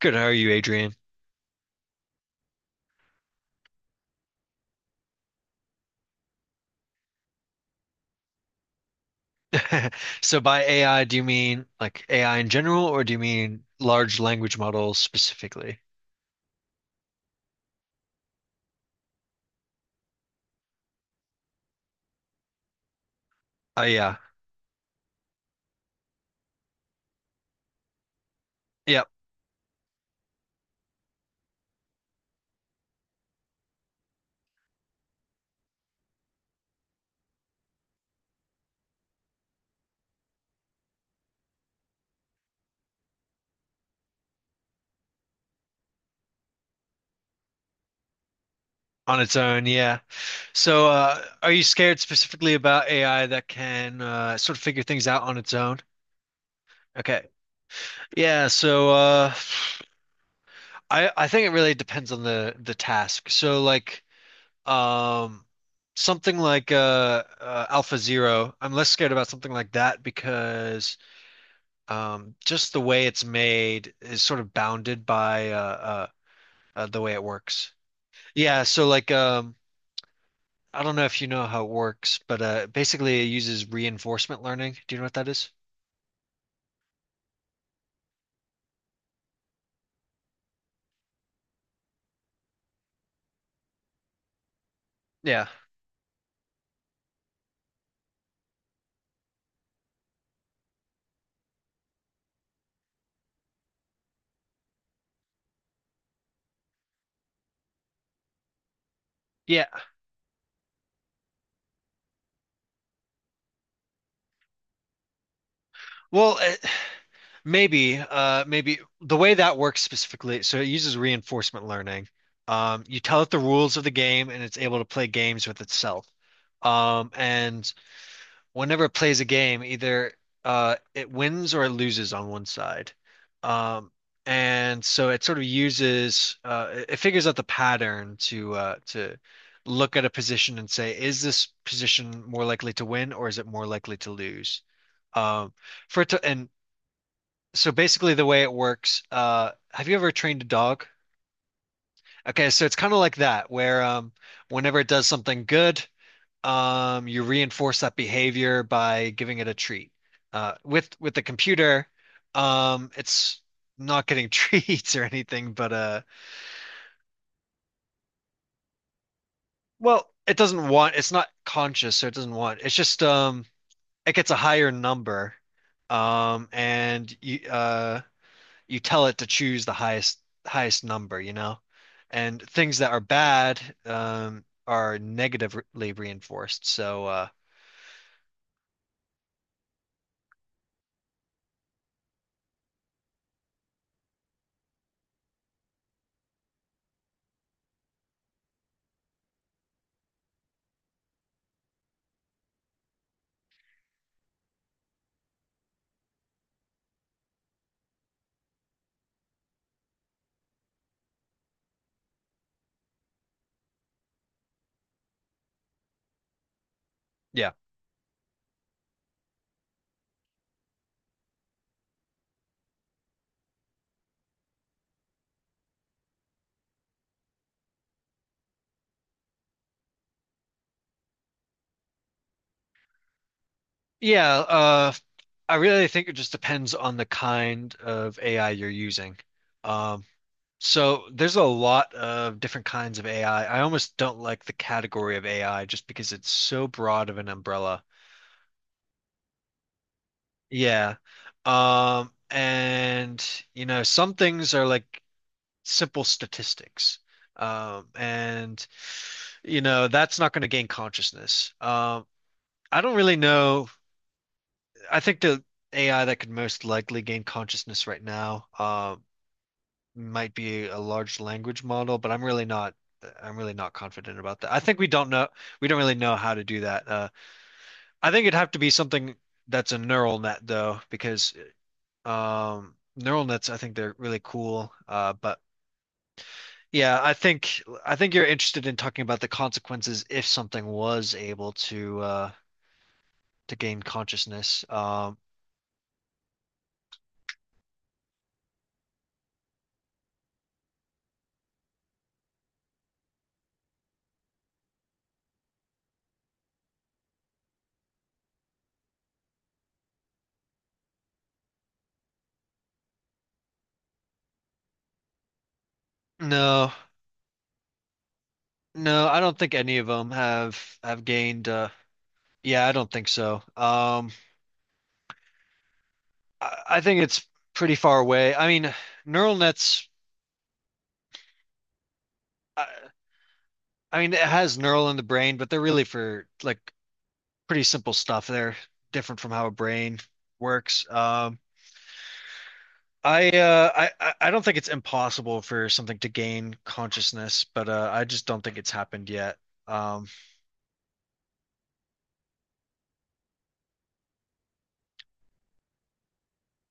Good, how are you, Adrian? So by AI, do you mean like AI in general, or do you mean large language models specifically? Oh yeah. Yep. On its own, yeah. So are you scared specifically about AI that can sort of figure things out on its own? Okay. Yeah, so I think it really depends on the task. So like um something like Alpha Zero, I'm less scared about something like that because just the way it's made is sort of bounded by the way it works. Yeah, so like I don't know if you know how it works, but basically it uses reinforcement learning. Do you know what that is? Yeah. Yeah. Well, it, maybe the way that works specifically, so it uses reinforcement learning. You tell it the rules of the game and it's able to play games with itself. And whenever it plays a game, either it wins or it loses on one side. Um, and so it sort of uses it it figures out the pattern to look at a position and say, is this position more likely to win or is it more likely to lose? Um, for it to, and So basically the way it works, have you ever trained a dog? Okay, so it's kind of like that, where whenever it does something good, you reinforce that behavior by giving it a treat. With the computer, it's not getting treats or anything, but it doesn't want. It's not conscious, so it doesn't want. It's just it gets a higher number, and you tell it to choose the highest number, you know, and things that are bad are negatively reinforced. So yeah. Yeah, I really think it just depends on the kind of AI you're using. Um, so there's a lot of different kinds of AI. I almost don't like the category of AI just because it's so broad of an umbrella. Yeah. And you know, some things are like simple statistics. And you know, that's not going to gain consciousness. I don't really know. I think the AI that could most likely gain consciousness right now might be a large language model, but I'm really not confident about that. I think we don't really know how to do that. I think it'd have to be something that's a neural net though, because neural nets, I think they're really cool. But yeah, I think you're interested in talking about the consequences if something was able to gain consciousness. No, No, I don't think any of them have gained. Yeah, I don't think so. I think it's pretty far away. I mean, neural nets. I, I mean, it has neural in the brain, but they're really for like pretty simple stuff. They're different from how a brain works. I don't think it's impossible for something to gain consciousness, but I just don't think it's happened yet. Um,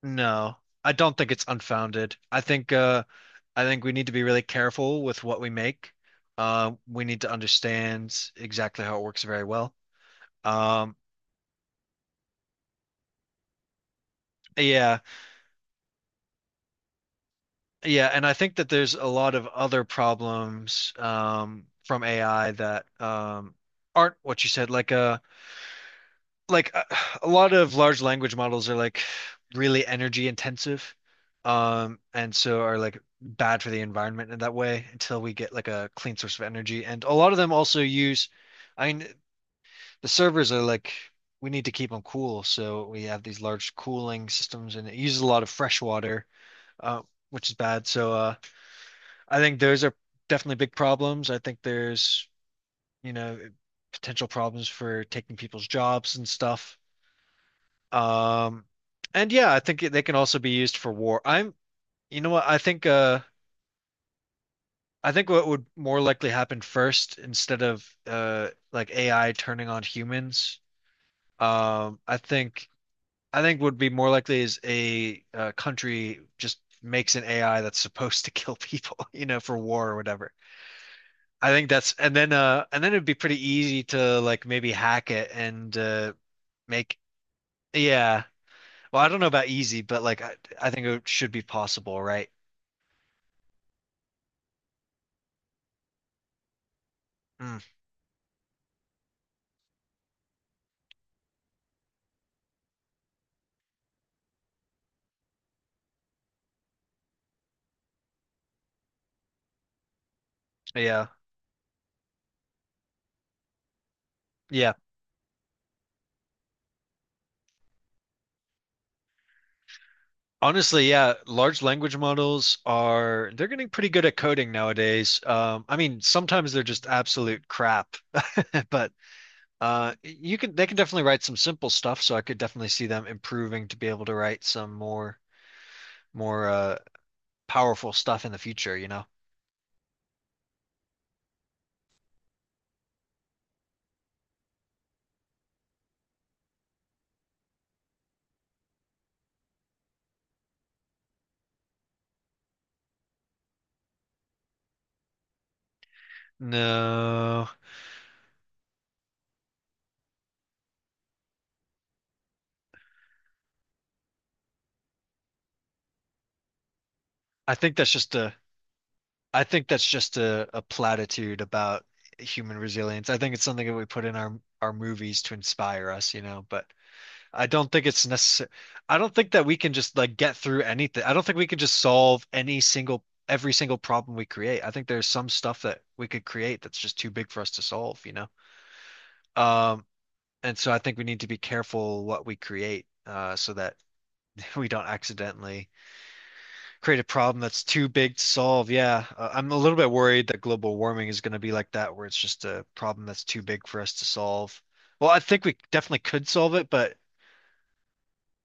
no, I don't think it's unfounded. I think we need to be really careful with what we make. We need to understand exactly how it works very well. Um, yeah, yeah, and I think that there's a lot of other problems from AI that aren't what you said. Like uh, a lot of large language models are like really energy intensive, and so are like bad for the environment in that way until we get like a clean source of energy. And a lot of them also use. I mean, the servers are like we need to keep them cool, so we have these large cooling systems, and it uses a lot of fresh water, uh, which is bad. So I think those are definitely big problems. I think there's, you know, potential problems for taking people's jobs and stuff. Um, and yeah, I think they can also be used for war. I'm you know what I think. I think what would more likely happen first, instead of like AI turning on humans, um, I think I think would be more likely is a country just makes an AI that's supposed to kill people, you know, for war or whatever. I think that's and then it'd be pretty easy to like maybe hack it and make yeah. Well, I don't know about easy, but like I think it should be possible, right? Mm, yeah. Yeah. Honestly, yeah, large language models are they're getting pretty good at coding nowadays. I mean, sometimes they're just absolute crap, but you could they can definitely write some simple stuff, so I could definitely see them improving to be able to write some more powerful stuff in the future, you know. No, I think that's just a I think that's just a platitude about human resilience. I think it's something that we put in our movies to inspire us, you know, but I don't think it's necessary. I don't think that we can just like get through anything. I don't think we can just solve any single every single problem we create. I think there's some stuff that we could create that's just too big for us to solve, you know. Um, and so I think we need to be careful what we create, so that we don't accidentally create a problem that's too big to solve. Yeah, I'm a little bit worried that global warming is going to be like that, where it's just a problem that's too big for us to solve. Well, I think we definitely could solve it, but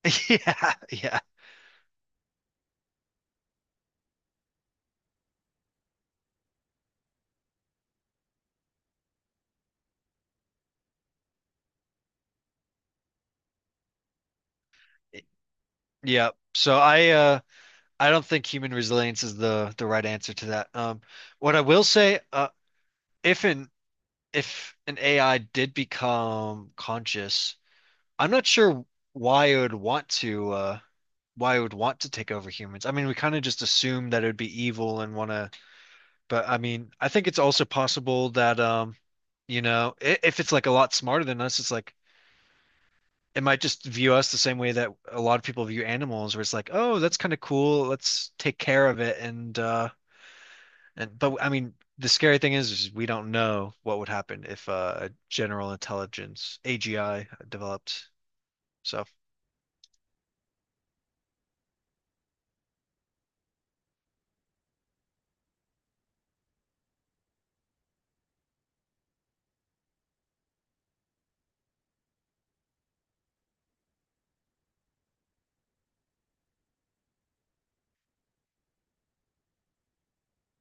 yeah, yeah, yeah. So I don't think human resilience is the right answer to that. What I will say, if an if an AI did become conscious, I'm not sure why I would want to uh why I would want to take over humans. I mean, we kind of just assume that it would be evil and want to, but I mean, I think it's also possible that you know, if it's like a lot smarter than us, it's like it might just view us the same way that a lot of people view animals, where it's like, oh, that's kind of cool. Let's take care of it. And But I mean, the scary thing is we don't know what would happen if a general intelligence, AGI, developed. So,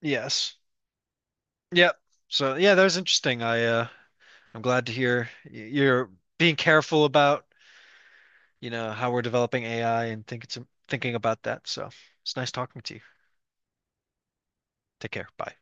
yes. Yep. So yeah, that was interesting. I'm glad to hear you're being careful about, you know, how we're developing AI and thinking about that. So it's nice talking to you. Take care. Bye.